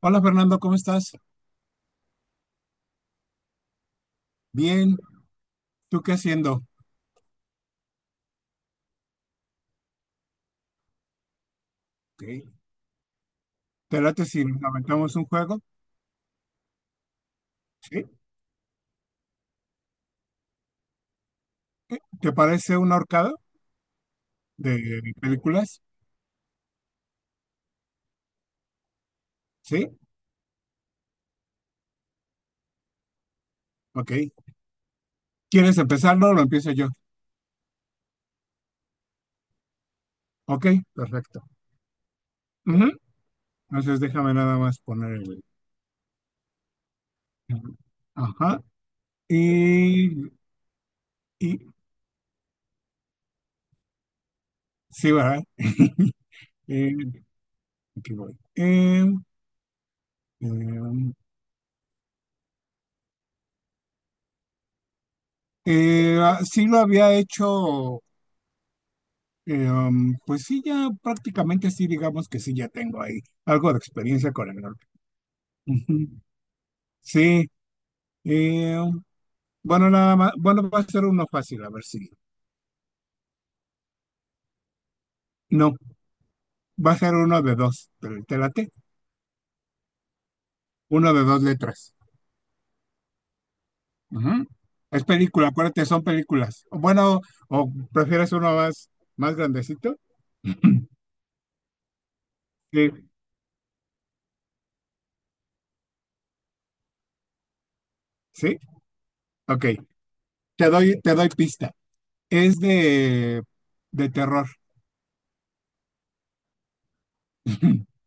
Hola Fernando, ¿cómo estás? Bien, ¿tú qué haciendo? Ok. ¿Te late si nos aventamos un juego? ¿Sí? ¿Qué? ¿Te parece un ahorcado de películas? ¿Sí? Ok. ¿Quieres empezarlo o lo empiezo yo? Ok, perfecto. Ujú. Entonces déjame nada más poner el... Ajá. Y... y- sí, ¿verdad? Eh, aquí voy. Eh, sí lo había hecho. Pues sí, ya prácticamente sí, digamos que sí, ya tengo ahí algo de experiencia con el norte. Ujú. Sí, eh, um, bueno, nada más, bueno, va a ser uno fácil, a ver si. No, va a ser uno de dos, pero te late, uno de dos letras. Ujú. Es película, acuérdate, son películas. O bueno, o prefieres uno más, más grandecito. Sí, sí, ok. Te doy pista. Es de terror.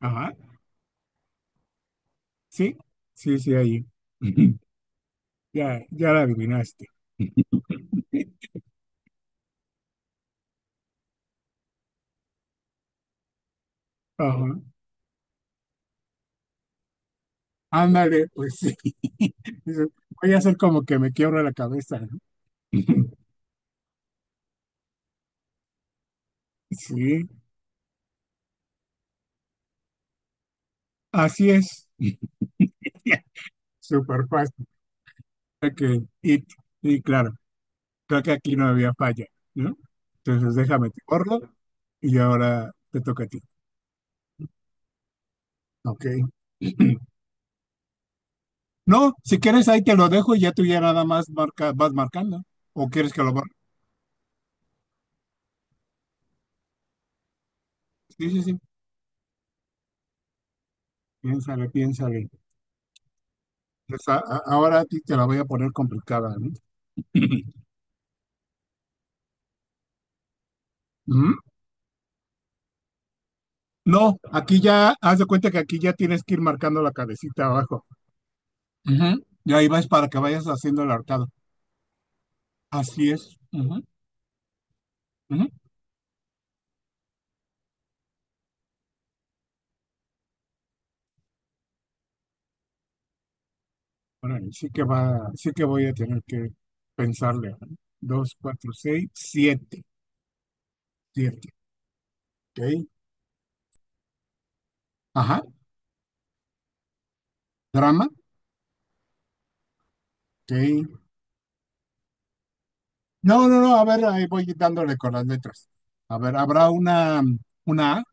Ajá, sí, sí, sí, ahí. Ya, ya la adivinaste. Ajá. Ándale, pues sí. Dices, voy a hacer como que me quiebro la cabeza, ¿no? Sí, así es. Súper fácil. Ok, y, y claro, creo que aquí no había falla, ¿no? Entonces déjame te borro y ahora te toca a ti. Ok. No, si quieres ahí te lo dejo y ya tú ya nada más marca, vas marcando. ¿O quieres que lo borre? Sí, sí, sí. Piénsale, piénsale. Pues, ahora a ti te la voy a poner complicada, ¿no? Ujú. No, aquí ya, haz de cuenta que aquí ya tienes que ir marcando la cabecita abajo. Ujú. Y ahí vas para que vayas haciendo el arcado. Así es. Ujú, ujú. Órale, sí que va, sí que voy a tener que pensarle, ¿no? Dos, cuatro, seis, siete. Siete. Ok. Ajá. Drama. Ok. No, no, no. A ver, ahí voy dándole con las letras. A ver, habrá una A.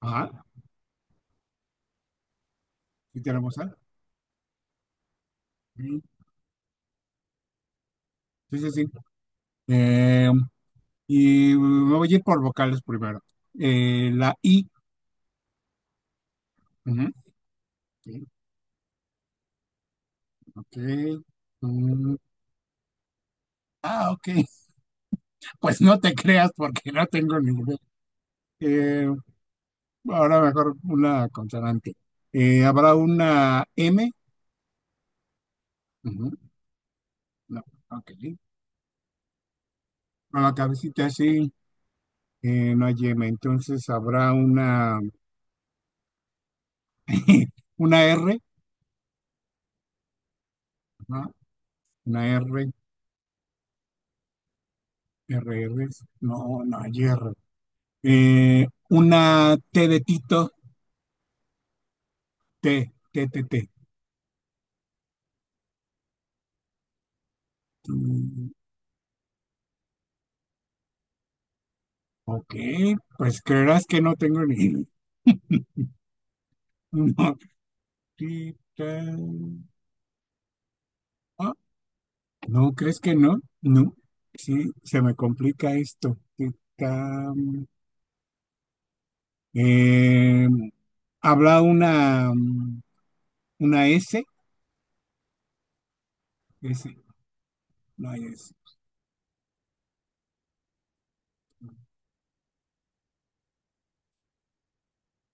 Ajá. Sí tenemos A. Mm. Sí, sí, sí. Eh, Y me voy a ir por vocales primero. La I. Ujú. Ok. Ok. Mm. Ah, ok. Pues no te creas porque no tengo ni idea. Eh, ahora mejor una consonante. ¿Habrá una M? Ujú. No. Ok. Con la cabecita así, no hay M. Entonces habrá una, una R. Ajá. Una R. R, R. No, no hay R. Una T de Tito. T, T, T, T. Mm. Ok, pues creerás que no tengo ni... No, sí, ah, ¿no crees que no? No, sí, se me complica esto. Sí, tam, eh, ¿habrá una S? S, no hay S.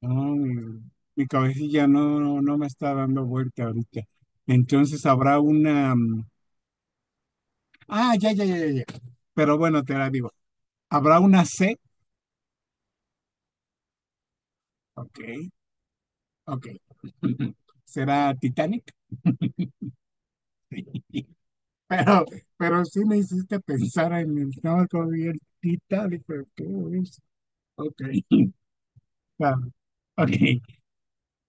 No, mi cabecilla no, no, no me está dando vuelta ahorita. Entonces habrá una. Ah, ya, ya, ya, ya, ya. Pero bueno, te la digo. ¿Habrá una C? Ok. Ok. ¿Será Titanic? Pero, pero sí me hiciste pensar en el no, como vi el Titanic, pero ¿qué es? Ok. Ah, ok.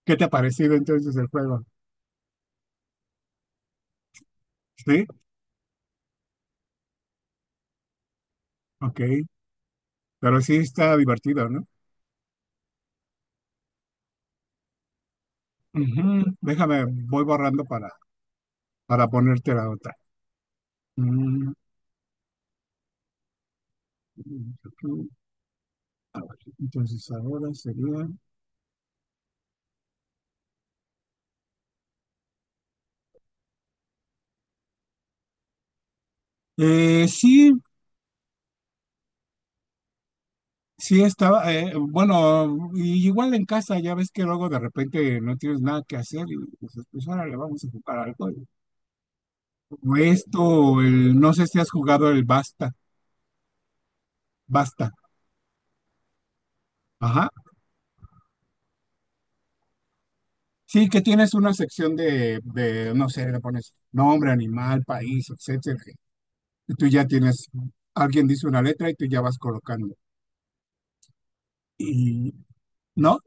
¿Qué te ha parecido entonces el juego? Sí, ok. Pero sí está divertido, ¿no? Ujú. Déjame, voy borrando para, ponerte la otra. Mm, a ver, entonces ahora sería. Sí, sí, estaba, bueno, y igual en casa, ya ves que luego de repente no tienes nada que hacer y dices, pues ahora le vamos a jugar algo. O esto, o el, no sé si has jugado el Basta, Basta, ajá. Sí, que tienes una sección de, no sé, le pones nombre, animal, país, etcétera. Y tú ya tienes, alguien dice una letra y tú ya vas colocando. Y, ¿no?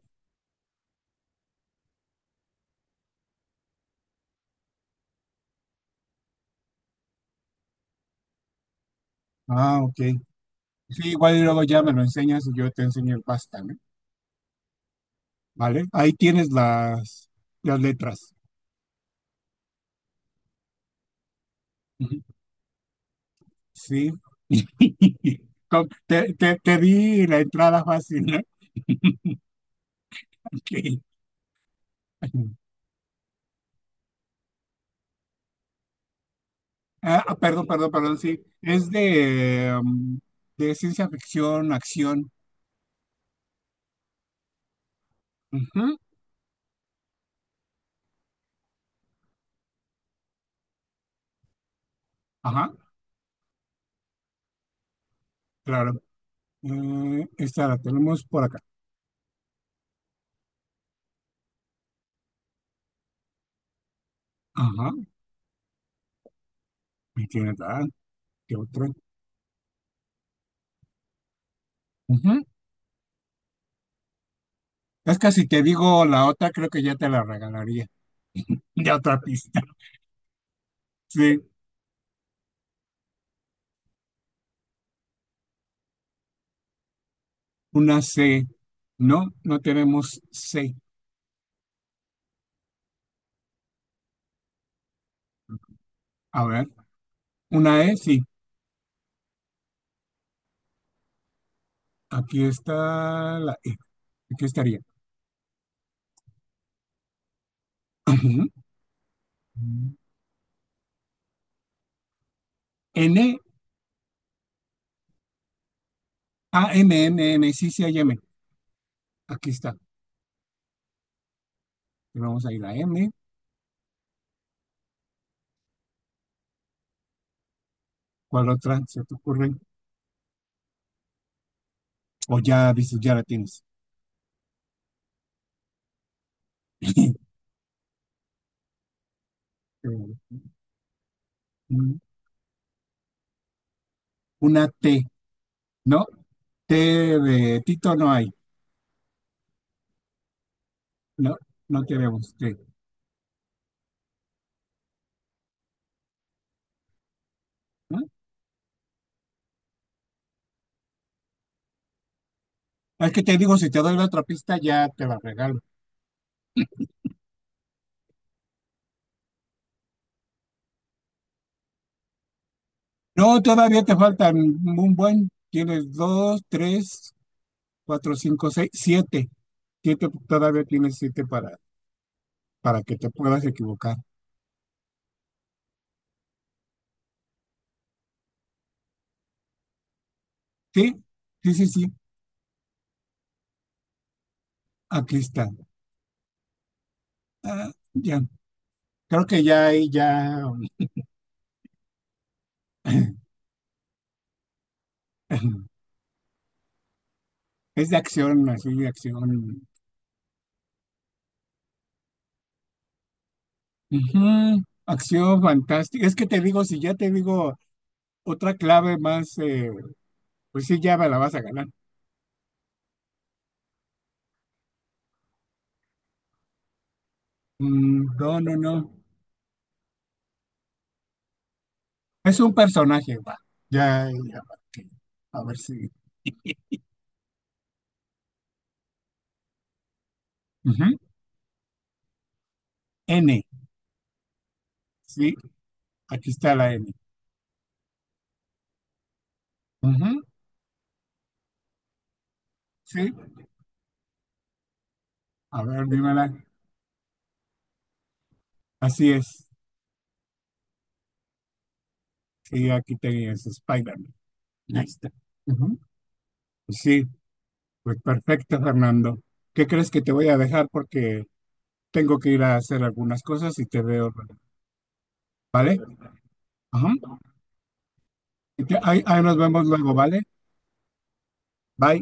Ah, ok. Sí, igual y luego ya me lo enseñas y yo te enseño el Basta, ¿no? ¿Vale? Ahí tienes las letras. Sí. Te di la entrada fácil, ¿no? Ok. Ah, perdón, perdón, perdón, sí. Es de ciencia ficción, acción. Ujú. Ajá, claro. Esta la tenemos por acá. Ajá, me tiene tal. ¿Qué otra? Ujú. Es que si te digo la otra, creo que ya te la regalaría. De otra pista. Sí, una C. No, no tenemos C. A ver, una E, sí. Aquí está la E. Aquí estaría. Ujú. N, A, M, M, M. Sí, sí hay M. Aquí está. Vamos a ir a M. ¿Cuál otra se te ocurre? O ya dices, ya la tienes. Una T, ¿no? T de Tito no hay. No, no tenemos T. ¿No? Es que te digo, si te doy la otra pista, ya te la regalo. No, todavía te faltan un buen. Tienes dos, tres, cuatro, cinco, seis, siete. Siete, todavía tienes siete para que te puedas equivocar. Sí, sí, sí, sí, aquí está. Ah, ya, creo que ya ahí ya es de acción, así de acción. Ujú. Acción fantástica. Es que te digo, si ya te digo otra clave más, pues sí, ya me la vas a ganar. Mm, no, no, no. Es un personaje, va. Ya, ya, va, ok. A ver si. Ujú. N, sí, aquí está la N. Ujú. Sí, a ver, dímela. Así es. Y aquí tenías Spider-Man. Ahí está. Ujú. Sí, pues perfecto, Fernando. ¿Qué crees que te voy a dejar? Porque tengo que ir a hacer algunas cosas y te veo, ¿vale? Ajá. Y ahí nos vemos luego, ¿vale? Bye.